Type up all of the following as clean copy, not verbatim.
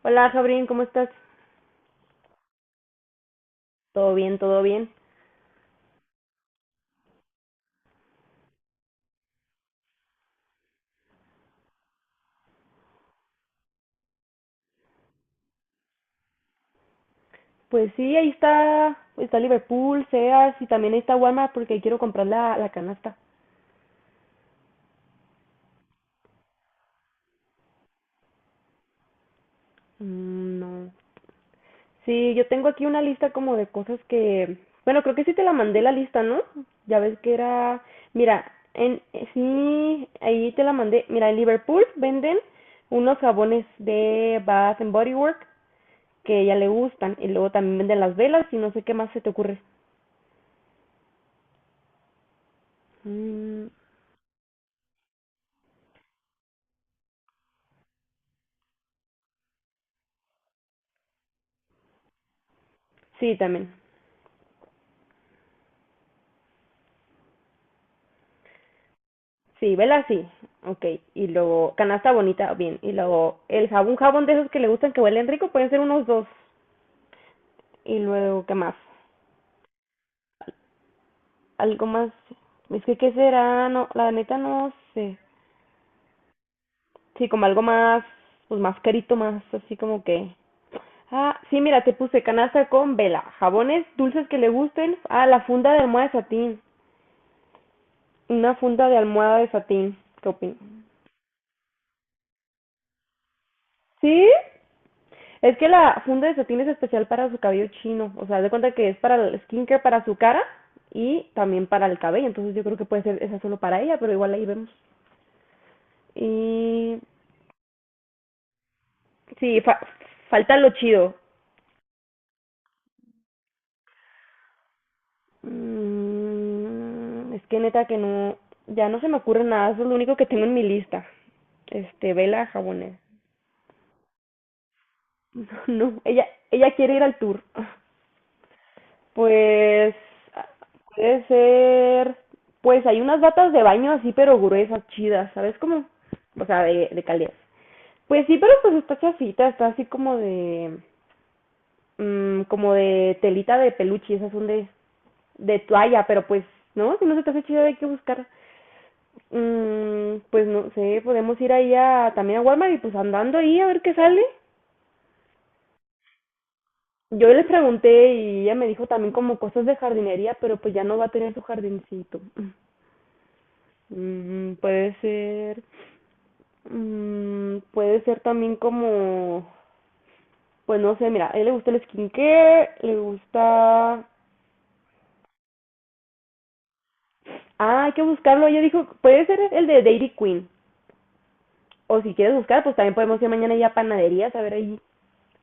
Hola, Jabrín, ¿cómo estás? Todo bien, todo bien. Pues sí, ahí está Liverpool, Sears y también ahí está Walmart porque quiero comprar la canasta. Mm, no. Sí, yo tengo aquí una lista como de cosas que, bueno, creo que sí te la mandé la lista, ¿no? Ya ves que era, mira, en sí, ahí te la mandé. Mira, en Liverpool venden unos jabones de Bath and Body Works que ya le gustan y luego también venden las velas y no sé qué más se te ocurre. Mm, sí, también. Sí, vela sí. Ok. Y luego canasta bonita, bien. Y luego el jabón, un jabón de esos que le gustan que huelen rico, pueden ser unos dos. Y luego, ¿qué más? Algo más. Es que, ¿qué será? No, la neta no sé. Sí, como algo más, pues más carito, más así como que. Ah, sí, mira, te puse canasta con vela, jabones dulces que le gusten. Ah, la funda de almohada de satín. Una funda de almohada de satín. ¿Qué opinas? ¿Sí? Es que la funda de satín es especial para su cabello chino. O sea, haz de cuenta que es para el skincare, para su cara y también para el cabello. Entonces yo creo que puede ser esa solo para ella, pero igual ahí vemos. Y sí, falta lo chido. Es que neta que no, ya no se me ocurre nada. Eso es lo único que tengo en mi lista. Este, vela jabones. No, ella quiere ir al tour. Pues puede ser, pues hay unas batas de baño así pero gruesas, chidas, ¿sabes cómo? O sea, de calidad. Pues sí, pero pues está chafita, está así como de telita de peluche, esas son de toalla, pero pues, ¿no? Si no se te hace chido hay que buscar. Pues no sé, podemos ir ahí a, también a Walmart y pues andando ahí a ver qué sale. Yo les pregunté y ella me dijo también como cosas de jardinería, pero pues ya no va a tener su jardincito. Mm. Puede ser, puede ser también como, pues no sé, mira, a él le gusta el skincare, le gusta, ah, hay que buscarlo, ella dijo, puede ser el de Dairy Queen, o si quieres buscar, pues también podemos ir mañana ya a panaderías a ver ahí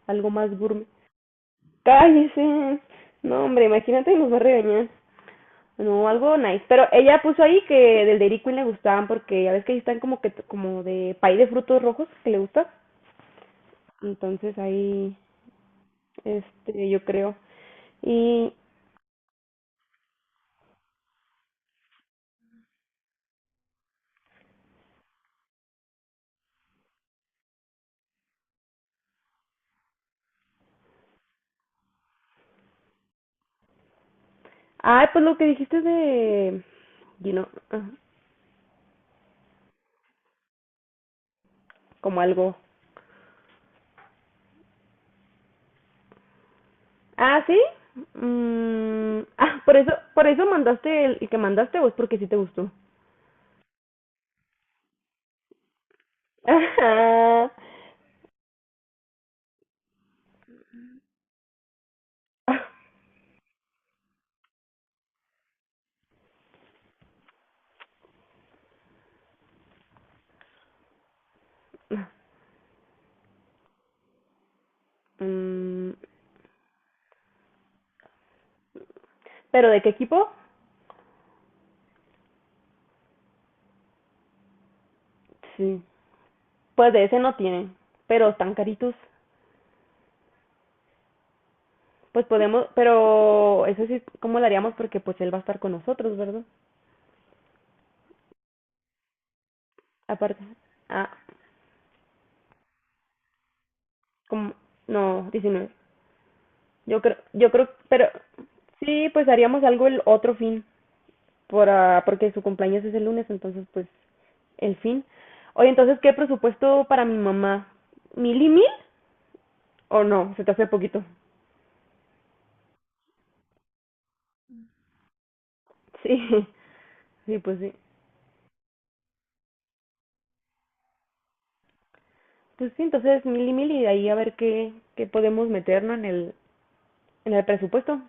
algo más gourmet. Cállese, no hombre, imagínate, nos va a regañar. No, algo nice. Pero ella puso ahí que del Dairy Queen le gustaban porque ya ves que ahí están como que como de pay de frutos rojos que le gusta. Entonces ahí. Este, yo creo. Y, ah, pues lo que dijiste de, ah, como algo. Ah, ¿sí? Ah, por eso mandaste el que mandaste o es porque sí te gustó. Ajá. Mm, pero ¿de qué equipo? Sí. Pues de ese no tiene, pero están caritos. Pues podemos, pero eso sí, ¿cómo lo haríamos? Porque pues él va a estar con nosotros, ¿verdad? Aparte. Ah, como, no, 19. Yo creo, pero sí, pues haríamos algo el otro fin, porque su cumpleaños es el lunes, entonces pues el fin. Oye, entonces, ¿qué presupuesto para mi mamá? ¿Mil y mil? ¿O no? Se te hace poquito. Sí, sí, pues sí. Pues sí, entonces mil y mil y de ahí a ver qué podemos meternos en el presupuesto.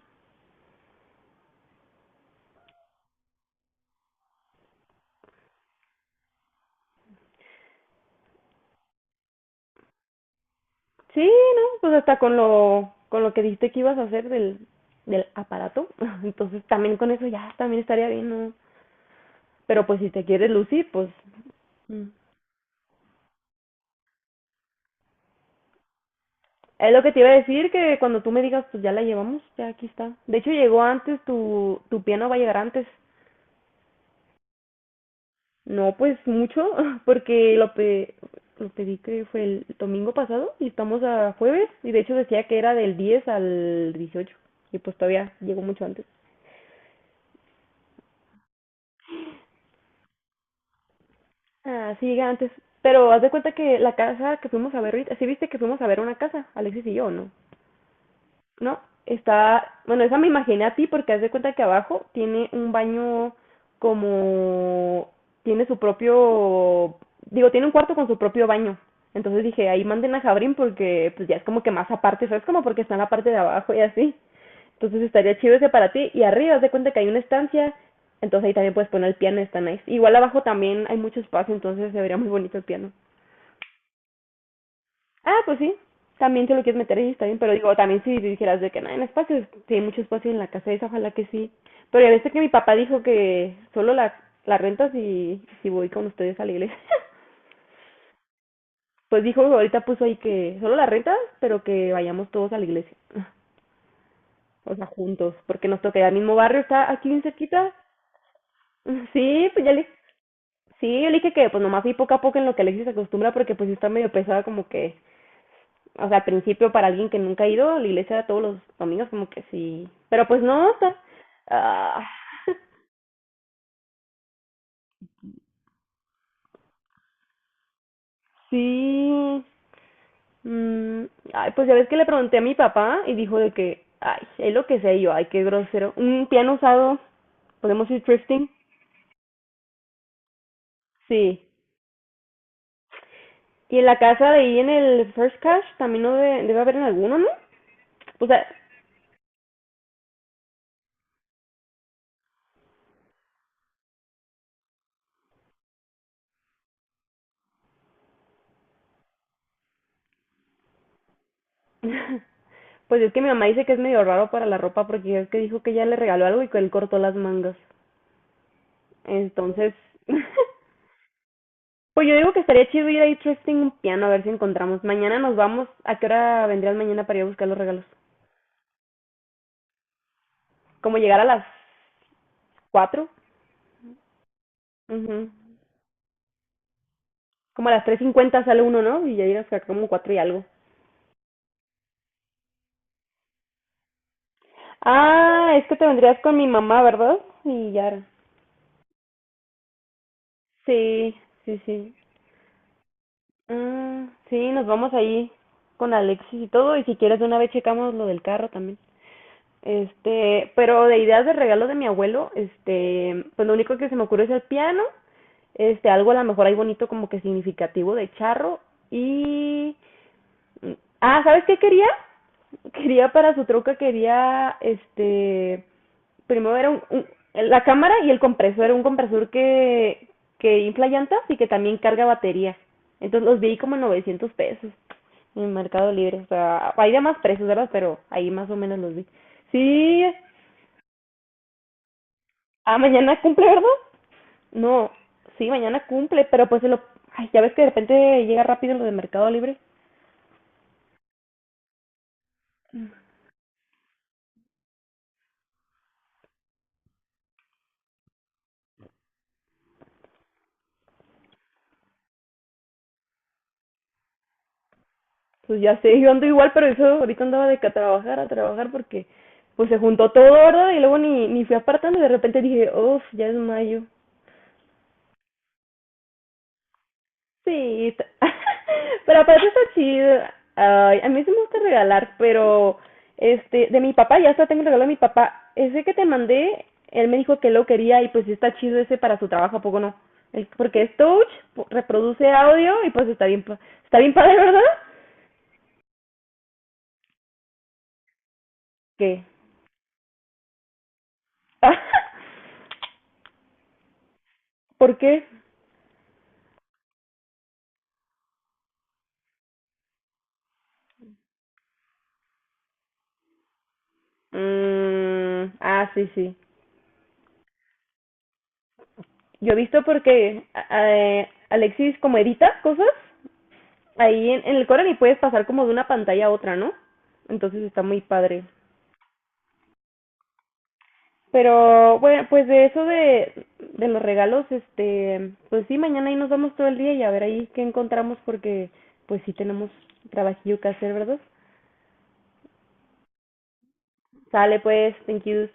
Sí, no, pues hasta con lo que dijiste que ibas a hacer del aparato, entonces también con eso ya, también estaría bien, ¿no? Pero pues si te quieres lucir, pues mm, Es lo que te iba a decir, que cuando tú me digas, pues ya la llevamos, ya aquí está. De hecho, llegó antes, tu piano va a llegar antes. No, pues mucho, porque lo pedí que fue el domingo pasado y estamos a jueves y de hecho decía que era del 10 al 18 y pues todavía llegó mucho antes. Ah, sí, llega antes. Pero haz de cuenta que la casa que fuimos a ver ahorita, sí viste que fuimos a ver una casa, Alexis y yo, ¿no? No, está, bueno, esa me imaginé a ti porque haz de cuenta que abajo tiene un baño como, tiene su propio, digo, tiene un cuarto con su propio baño. Entonces dije, ahí manden a Jabrín porque pues ya es como que más aparte, ¿sabes? Como porque está en la parte de abajo y así. Entonces estaría chido ese para ti. Y arriba, haz de cuenta que hay una estancia, entonces ahí también puedes poner el piano, está nice. Igual abajo también hay mucho espacio, entonces se vería muy bonito el piano. Ah, pues sí, también te lo quieres meter ahí, está bien, pero digo, también si dijeras de que no hay espacio, si hay mucho espacio en la casa esa, ojalá que sí. Pero ya viste que mi papá dijo que solo la renta si voy con ustedes a la iglesia. Pues dijo, ahorita puso ahí que solo la renta, pero que vayamos todos a la iglesia. O sea, juntos, porque nos toca ya el mismo barrio, está aquí bien cerquita. Sí, pues ya le... Sí, yo le dije que pues nomás ahí poco a poco en lo que Alexis se acostumbra, porque pues sí está medio pesada como que o sea, al principio para alguien que nunca ha ido a la iglesia todos los domingos, como que sí. Pero pues no, o sea, ah, sí. mm, Ay, pues ya ves que le pregunté a mi papá y dijo de que, ay, es lo que sé yo, ay, qué grosero. Un piano usado, ¿podemos ir thrifting? Sí. Y en la casa de ahí en el First Cash también no debe, debe haber en alguno, ¿no? O sea, pues es que mi mamá dice que es medio raro para la ropa porque es que dijo que ella le regaló algo y que él cortó las mangas. Entonces, Pues yo digo que estaría chido ir a Interesting un piano a ver si encontramos. Mañana nos vamos. ¿A qué hora vendrías mañana para ir a buscar los regalos? Como llegar a las 4. Ujú. Como a las 3:50 sale uno, ¿no? Y ya ir hasta como cuatro y algo. Ah, es que te vendrías con mi mamá, ¿verdad? Y ya. Sí, sí, sí. Mm, sí, nos vamos ahí con Alexis y todo, y si quieres de una vez checamos lo del carro también. Este, pero de ideas de regalo de mi abuelo, este, pues lo único que se me ocurre es el piano, este, algo a lo mejor ahí bonito como que significativo de charro y, ah, ¿sabes qué quería? Quería para su troca, quería, este, primero era la cámara y el compresor, era un compresor que infla llantas y que también carga batería. Entonces los vi como en 900 pesos en Mercado Libre. O sea, hay de más precios, ¿verdad? Pero ahí más o menos los vi. Sí, ah, mañana cumple, ¿verdad? No, sí, mañana cumple, pero pues se lo... Ay, ya ves que de repente llega rápido lo de Mercado Libre. Pues ya sé, yo ando igual, pero eso ahorita andaba de que a trabajar, porque pues se juntó todo, ¿verdad? Y luego ni fui apartando, de repente dije, uff, ya es mayo. Sí, pero aparte está chido. Ay, a mí sí me gusta regalar, pero este, de mi papá, ya está, tengo el regalo de mi papá. Ese que te mandé, él me dijo que lo quería y pues sí está chido ese para su trabajo, ¿a poco no? Porque es touch, reproduce audio y pues está bien, está bien padre, ¿verdad? ¿Qué? ¿Por qué? Mm, ah, sí, sí. Yo he visto porque Alexis como edita cosas ahí en el Coral y puedes pasar como de una pantalla a otra, ¿no? Entonces está muy padre. Pero bueno, pues de eso de los regalos, este, pues sí, mañana ahí nos vamos todo el día y a ver ahí qué encontramos porque pues sí tenemos trabajillo que hacer, ¿verdad? Sale pues, thank yous.